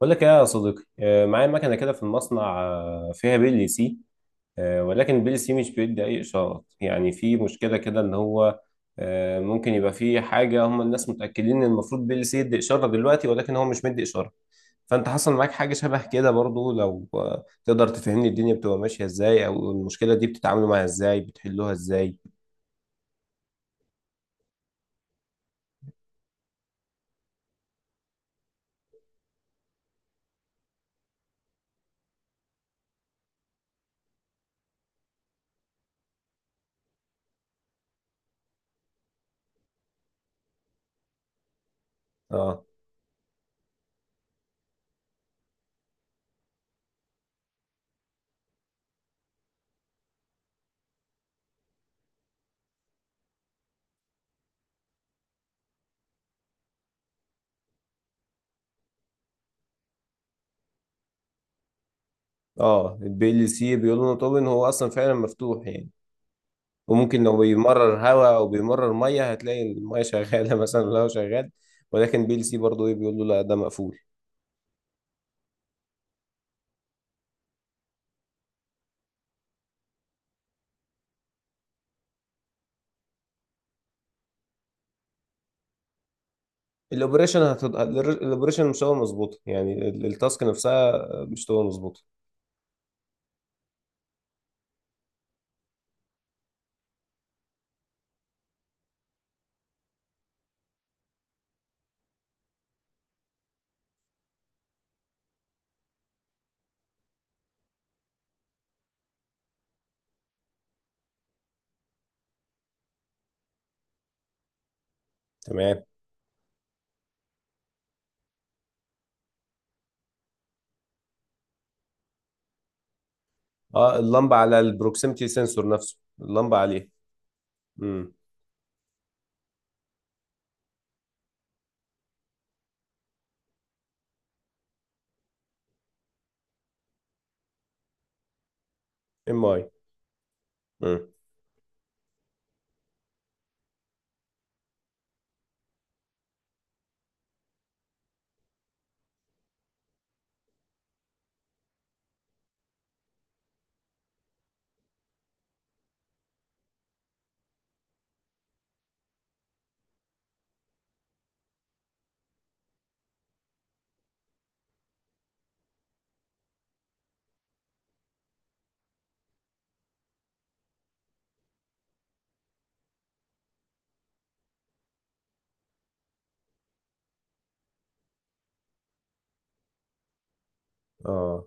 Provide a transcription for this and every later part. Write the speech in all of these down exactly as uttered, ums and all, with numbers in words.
بقول لك ايه يا صديقي آه، معايا مكنه كده في المصنع، آه، فيها بي ال سي. آه، ولكن البي ال سي مش بيدي اي اشارات، يعني في مشكله كده ان هو آه، ممكن يبقى في حاجه. هم الناس متاكدين ان المفروض بي ال سي يدي اشاره دلوقتي، ولكن هو مش مدي اشاره. فانت حصل معاك حاجه شبه كده برضو؟ لو آه، تقدر تفهمني الدنيا بتبقى ماشيه ازاي، او المشكله دي بتتعاملوا معاها ازاي، بتحلوها ازاي. اه. اه البي ال سي بيقولوا انه طبعا هو اصلا فعلا مفتوح يعني، وممكن لو بيمرر هواء او بيمرر ميه هتلاقي الميه شغاله مثلا والهواء شغال، ولكن بي ال سي برضه ايه؟ بيقول له لا ده مقفول. الاوبريشن هتض... الاوبريشن مش هو مظبوطه، يعني ال- التاسك نفسها مش هو مظبوطه. تمام. اه، اللمبه على البروكسيمتي سنسور نفسه اللمبه عليه. امم ام اي. اه،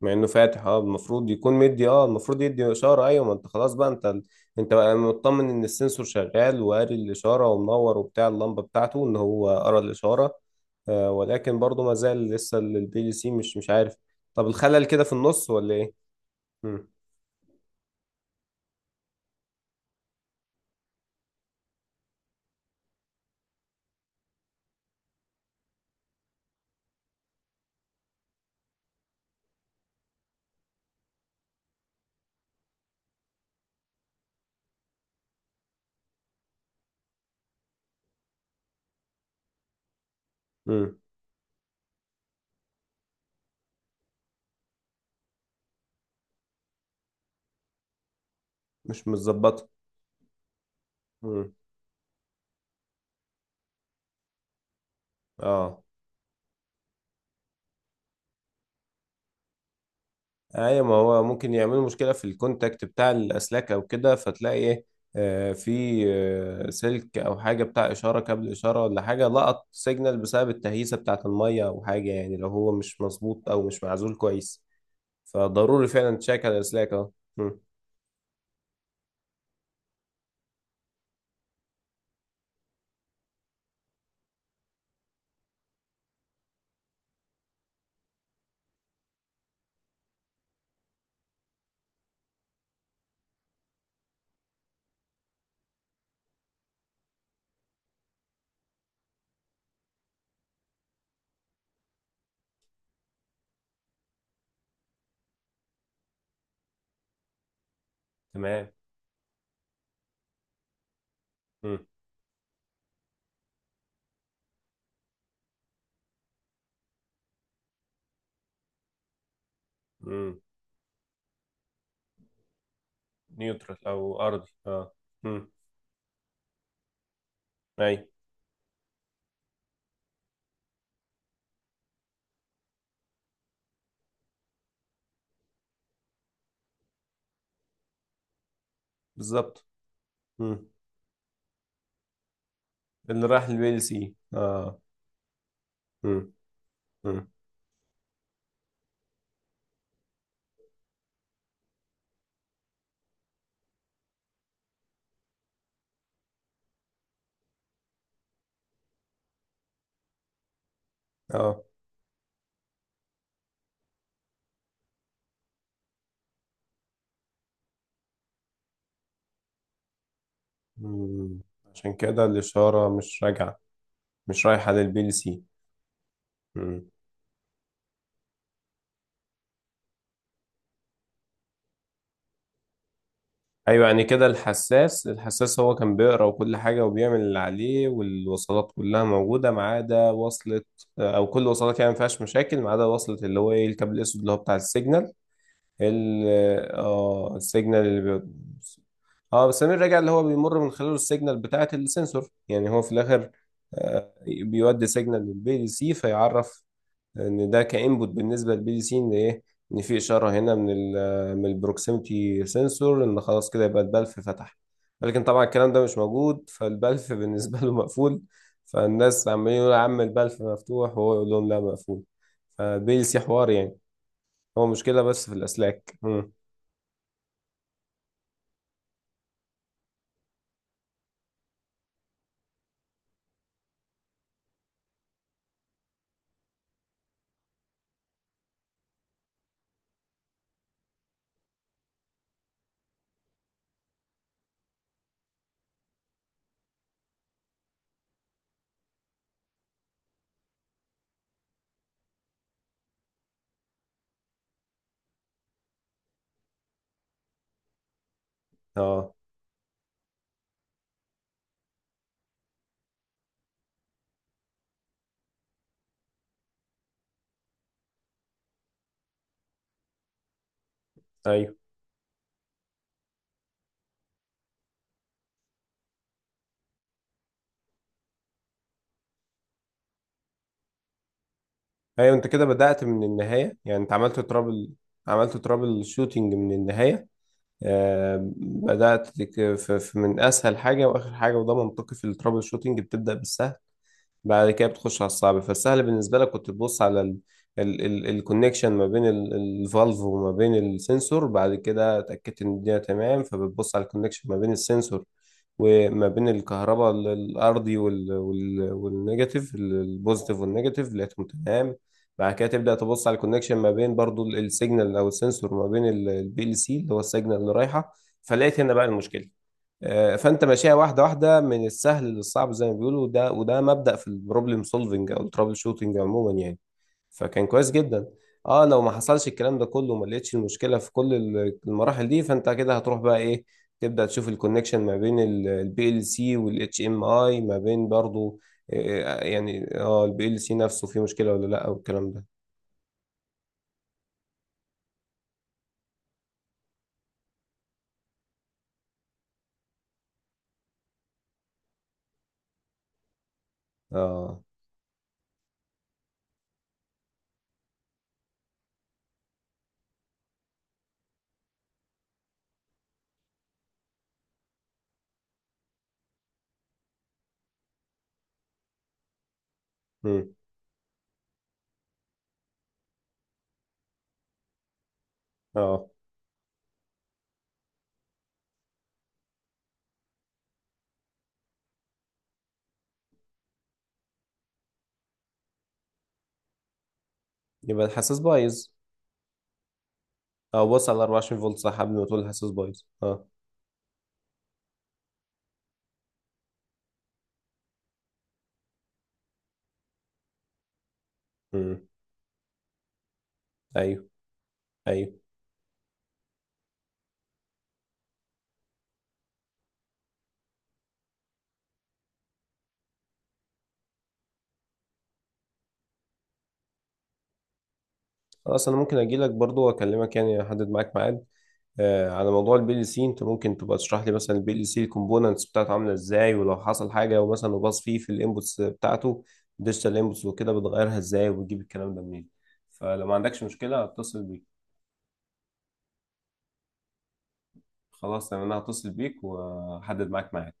مع انه فاتح. اه، المفروض يكون مدي، اه المفروض يدي اشاره. ايوه ما انت خلاص بقى، انت انت بقى مطمن ان السنسور شغال وقاري الاشاره ومنور، وبتاع اللمبه بتاعته ان هو قرا الاشاره. آه، ولكن برضه ما زال لسه البي ال سي مش مش عارف. طب الخلل كده في النص ولا ايه؟ مم. مم. مش متظبطه. مم. اه. ايوه ما هو ممكن يعملوا مشكله في الكونتاكت بتاع الاسلاك او كده، فتلاقي ايه؟ آه، في آه، سلك او حاجه بتاع اشاره، كابل اشاره ولا حاجه، لقط سيجنال بسبب التهيسه بتاعه الميه او حاجه، يعني لو هو مش مظبوط او مش معزول كويس. فضروري فعلا تشيك على الاسلاك، اه. مم، تمام. مم، مم. نيوترال او ارضي، اه. مم. اي. بالظبط. مم. اللي راح البي ال سي، اه. مم. مم. اه. مم. عشان كده الاشاره مش راجعه، مش رايحة للبي ال سي. مم. ايوه، يعني كده الحساس، الحساس هو كان بيقرا وكل حاجة وبيعمل اللي عليه، والوصلات كلها موجودة ما عدا وصلة، آه، او كل وصلات يعني ما فيهاش مشاكل ما عدا وصلة، اللي هو ايه؟ الكابل الاسود اللي هو بتاع السيجنال، ال اه السيجنال اللي بي... اه بس سمير، راجع، اللي هو بيمر من خلاله السيجنال بتاعة السنسور. يعني هو في الاخر آه، بيودي سيجنال للبي ال سي، فيعرف ان ده كانبوت بالنسبه للبي دي سي، ان ايه؟ ان في اشاره هنا من ال من البروكسيمتي سنسور، ان خلاص كده يبقى البلف فتح. ولكن طبعا الكلام ده مش موجود، فالبلف بالنسبه له مقفول. فالناس عمالين يقولوا يا عم البلف مفتوح، وهو يقول لهم لا مقفول. فالبي دي سي حوار يعني، هو مشكله بس في الاسلاك. مم. اه. ايوه. ايوه، انت كده بدات من النهايه. يعني انت عملت ترابل عملت ترابل شوتنج من النهايه. آه، بدأت تك- ف- ف- من أسهل حاجة وآخر حاجة، وده منطقي في الترابل شوتنج، بتبدأ بالسهل بعد كده بتخش على الصعب. فالسهل بالنسبة لك كنت تبص على الكونكشن ما بين الفالف وما بين السنسور، بعد كده اتأكدت ان الدنيا تمام، فبتبص على الكونكشن ما بين السنسور وما بين الكهرباء، ال- الأرضي، وال- وال- والنيجاتيف، ال- البوزيتيف والنيجاتيف، لقيتهم تمام. بعد كده تبدأ تبص على الكونكشن ما بين برضو ال- السيجنال أو السنسور، ما بين البي ال سي، اللي هو السيجنال اللي رايحة. فلقيت هنا بقى المشكلة. آه، فانت ماشيها واحده واحده من السهل للصعب زي ما بيقولوا، وده وده مبدأ في البروبلم سولفنج او الترابل شوتنج عموما يعني. فكان كويس جدا. اه، لو ما حصلش الكلام ده كله وما لقيتش المشكله في كل ال- المراحل دي، فانت كده هتروح بقى ايه؟ تبدا تشوف الكونكشن ما بين البي ال سي والاتش ام اي، ما بين برضو، آه، آه، يعني اه البي ال سي نفسه فيه مشكله ولا لا، والكلام ده. اه. امم. اه. يبقى الحساس بايظ؟ اه بص على أربعة وعشرين فولت. صح، قبل ما تقول الحساس بايظ، اه. امم. ايوه. ايوه. خلاص، انا ممكن اجي لك برضو واكلمك يعني، احدد معاك ميعاد، آه على موضوع البي ال سي. انت ممكن تبقى تشرح لي مثلا البي ال سي الكومبوننتس بتاعته عامله ازاي، ولو حصل حاجه ومثلا وباص فيه في الانبوتس بتاعته ديجيتال انبوتس وكده، بتغيرها ازاي، وبتجيب الكلام ده منين. فلو ما عندكش مشكله هتصل بيك. خلاص تمام، انا هتصل بيك واحدد معاك ميعاد.